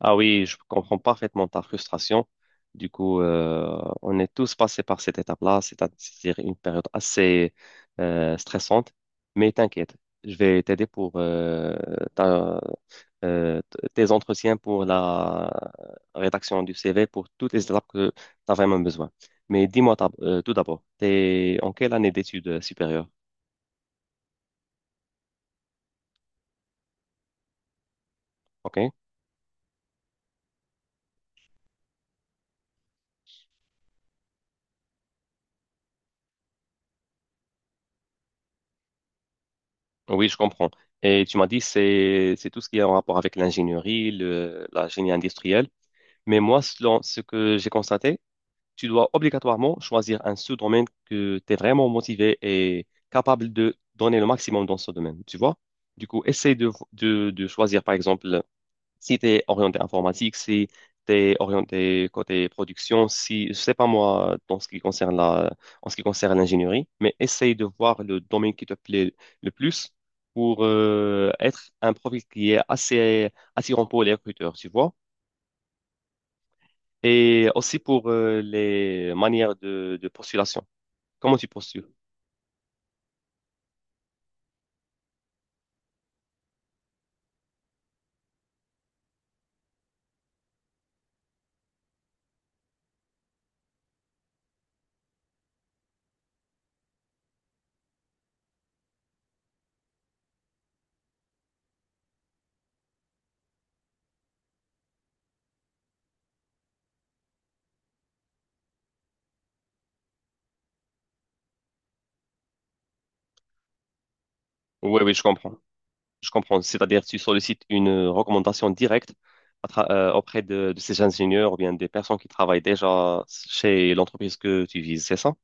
Ah oui, je comprends parfaitement ta frustration. Du coup, on est tous passés par cette étape-là, c'est-à-dire une période assez stressante. Mais t'inquiète, je vais t'aider pour ta- tes entretiens pour la rédaction du CV, pour toutes les étapes que tu as vraiment besoin. Mais dis-moi tout d'abord, t'es en quelle année d'études supérieures? OK? Oui, je comprends. Et tu m'as dit c'est tout ce qui est en rapport avec l'ingénierie, la génie industrielle. Mais moi, selon ce que j'ai constaté, tu dois obligatoirement choisir un sous-domaine que tu es vraiment motivé et capable de donner le maximum dans ce domaine, tu vois? Du coup, essaye de choisir, par exemple, si tu es orienté informatique, si tu es orienté côté production, si, je sais pas moi, dans ce qui concerne en ce qui concerne l'ingénierie, mais essaye de voir le domaine qui te plaît le plus pour être un profil qui est assez attirant pour les recruteurs, tu vois? Et aussi pour les manières de postulation. Comment tu postules? Oui, oui, je comprends. Je comprends. C'est-à-dire, tu sollicites une recommandation directe auprès de ces ingénieurs ou bien des personnes qui travaillent déjà chez l'entreprise que tu vises, c'est ça?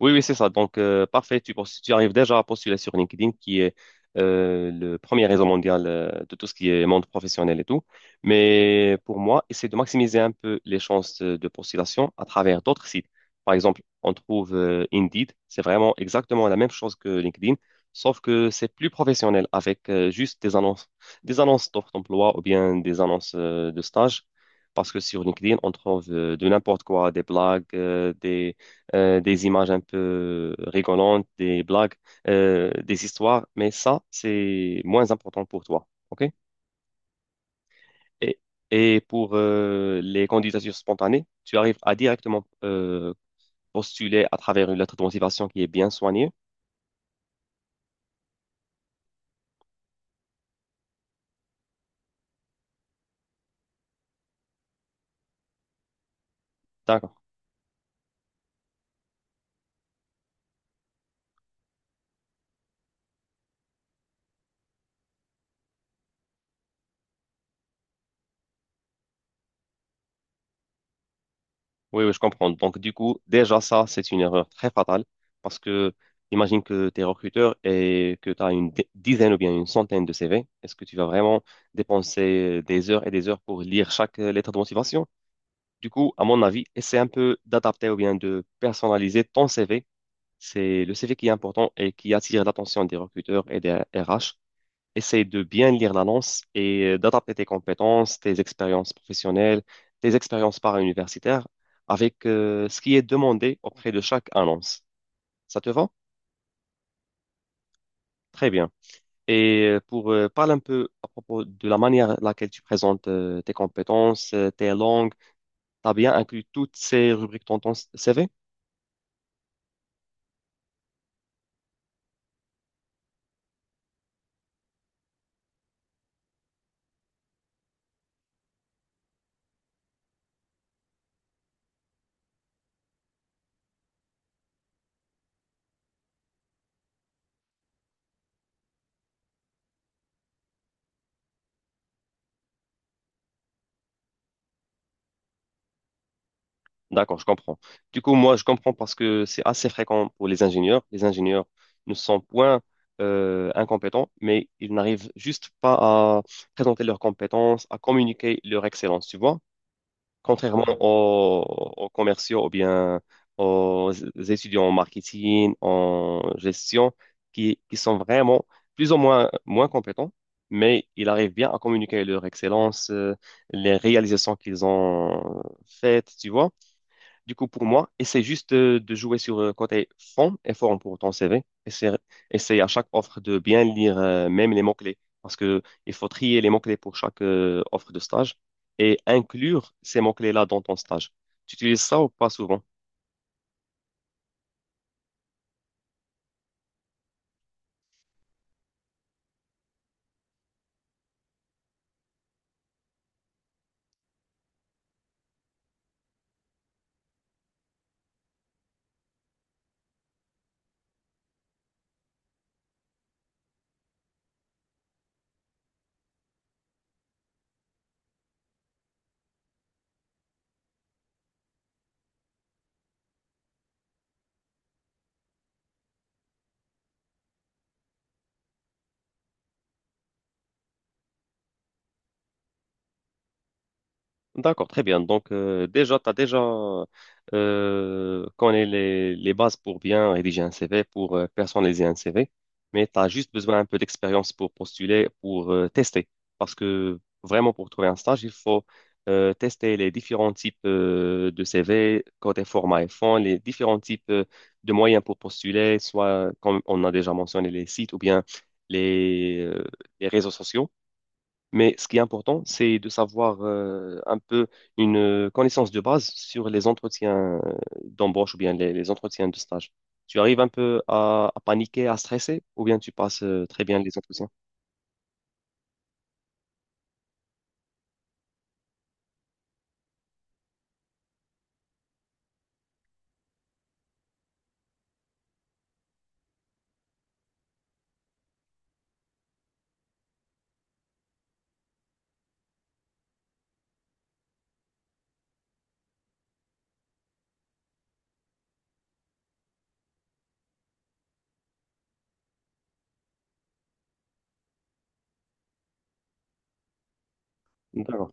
Oui, oui, c'est ça. Donc, parfait. Tu arrives déjà à postuler sur LinkedIn, qui est le premier réseau mondial de tout ce qui est monde professionnel et tout. Mais pour moi, essayer de maximiser un peu les chances de postulation à travers d'autres sites. Par exemple, on trouve Indeed. C'est vraiment exactement la même chose que LinkedIn, sauf que c'est plus professionnel avec juste des annonces d'offres d'emploi ou bien des annonces de stage. Parce que sur LinkedIn, on trouve de n'importe quoi, des blagues, des images un peu rigolantes, des blagues, des histoires, mais ça, c'est moins important pour toi. OK? Et, et pour les candidatures spontanées, tu arrives à directement postuler à travers une lettre de motivation qui est bien soignée. D'accord. Oui, oui, je comprends. Donc, du coup, déjà, ça, c'est une erreur très fatale parce que imagine que tu es recruteur et que tu as une dizaine ou bien une centaine de CV. Est-ce que tu vas vraiment dépenser des heures et des heures pour lire chaque lettre de motivation? Du coup, à mon avis, essaie un peu d'adapter ou bien de personnaliser ton CV. C'est le CV qui est important et qui attire l'attention des recruteurs et des RH, essaye de bien lire l'annonce et d'adapter tes compétences, tes expériences professionnelles, tes expériences para-universitaires avec ce qui est demandé auprès de chaque annonce. Ça te va? Très bien. Et pour parler un peu à propos de la manière laquelle tu présentes tes compétences, tes langues, tu as bien inclus toutes ces rubriques dans ton CV? D'accord, je comprends. Du coup, moi, je comprends parce que c'est assez fréquent pour les ingénieurs. Les ingénieurs ne sont point incompétents, mais ils n'arrivent juste pas à présenter leurs compétences, à communiquer leur excellence, tu vois. Contrairement aux, aux commerciaux ou bien aux étudiants en marketing, en gestion, qui sont vraiment plus ou moins moins compétents, mais ils arrivent bien à communiquer leur excellence, les réalisations qu'ils ont faites, tu vois. Du coup, pour moi, essaie juste de jouer sur le côté fond et forme pour ton CV. Essaie à chaque offre de bien lire même les mots-clés parce que il faut trier les mots-clés pour chaque offre de stage et inclure ces mots-clés-là dans ton stage. Tu utilises ça ou pas souvent? D'accord, très bien. Donc, déjà, tu as déjà connais les bases pour bien rédiger un CV, pour personnaliser un CV, mais tu as juste besoin un peu d'expérience pour postuler, pour tester. Parce que vraiment, pour trouver un stage, il faut tester les différents types de CV, côté format et fond, les différents types de moyens pour postuler, soit comme on a déjà mentionné les sites ou bien les, euh, les réseaux sociaux. Mais ce qui est important, c'est de savoir un peu une connaissance de base sur les entretiens d'embauche ou bien les entretiens de stage. Tu arrives un peu à paniquer, à stresser, ou bien tu passes très bien les entretiens? D'accord.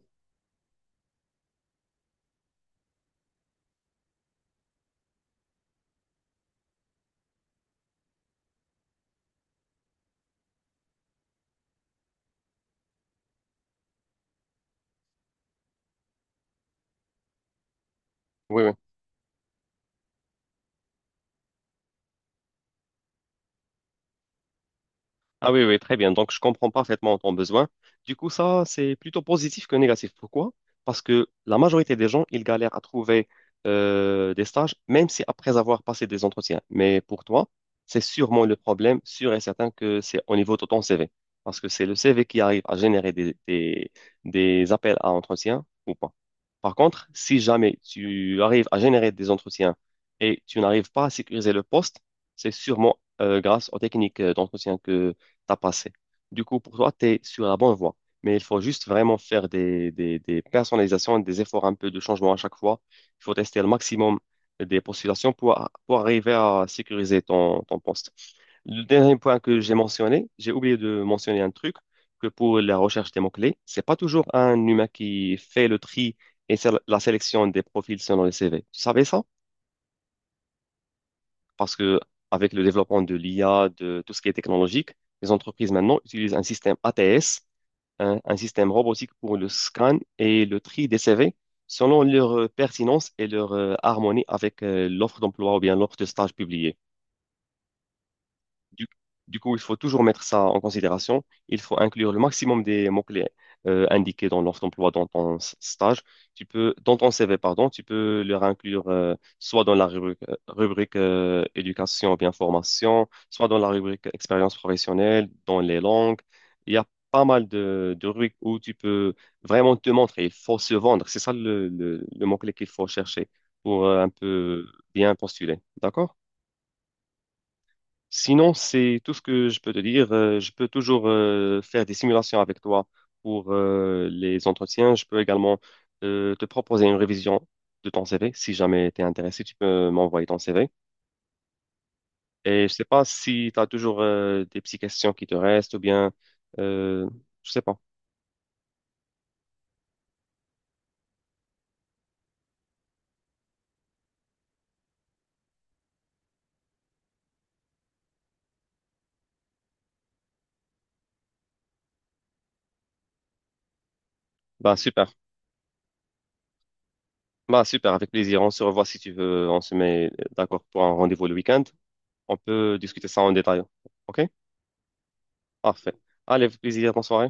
Oui, oui. Ah oui, oui, très bien. Donc, je comprends parfaitement ton besoin. Du coup, ça, c'est plutôt positif que négatif. Pourquoi? Parce que la majorité des gens, ils galèrent à trouver des stages, même si après avoir passé des entretiens. Mais pour toi, c'est sûrement le problème, sûr et certain que c'est au niveau de ton CV. Parce que c'est le CV qui arrive à générer des appels à entretien ou pas. Par contre, si jamais tu arrives à générer des entretiens et tu n'arrives pas à sécuriser le poste, c'est sûrement grâce aux techniques d'entretien t'as passé. Du coup, pour toi, tu es sur la bonne voie. Mais il faut juste vraiment faire des personnalisations, des efforts un peu de changement à chaque fois. Il faut tester le maximum des postulations pour arriver à sécuriser ton poste. Le dernier point que j'ai mentionné, j'ai oublié de mentionner un truc, que pour la recherche des mots-clés, c'est pas toujours un humain qui fait le tri et la sélection des profils selon les CV. Tu savais ça? Parce que avec le développement de l'IA, de tout ce qui est technologique, les entreprises maintenant utilisent un système ATS, un système robotique pour le scan et le tri des CV selon leur pertinence et leur harmonie avec l'offre d'emploi ou bien l'offre de stage publiée. Du, du coup, il faut toujours mettre ça en considération. Il faut inclure le maximum des mots-clés indiqués dans l'offre d'emploi dans ton stage. Tu peux, dans ton CV, pardon, tu peux leur inclure soit dans la rubrique, éducation ou bien formation, soit dans la rubrique expérience professionnelle, dans les langues. Il y a pas mal de rubriques où tu peux vraiment te montrer. Il faut se vendre. C'est ça le mot-clé qu'il faut chercher pour un peu bien postuler. D'accord? Sinon, c'est tout ce que je peux te dire. Je peux toujours faire des simulations avec toi pour les entretiens. Je peux également te proposer une révision de ton CV. Si jamais tu es intéressé, tu peux m'envoyer ton CV. Et je sais pas si tu as toujours des petites questions qui te restent ou euh, je sais pas. Bah super. Bah super, avec plaisir. On se revoit si tu veux. On se met d'accord pour un rendez-vous le week-end. On peut discuter ça en détail. OK? Parfait. Allez, avec plaisir. Bonne soirée.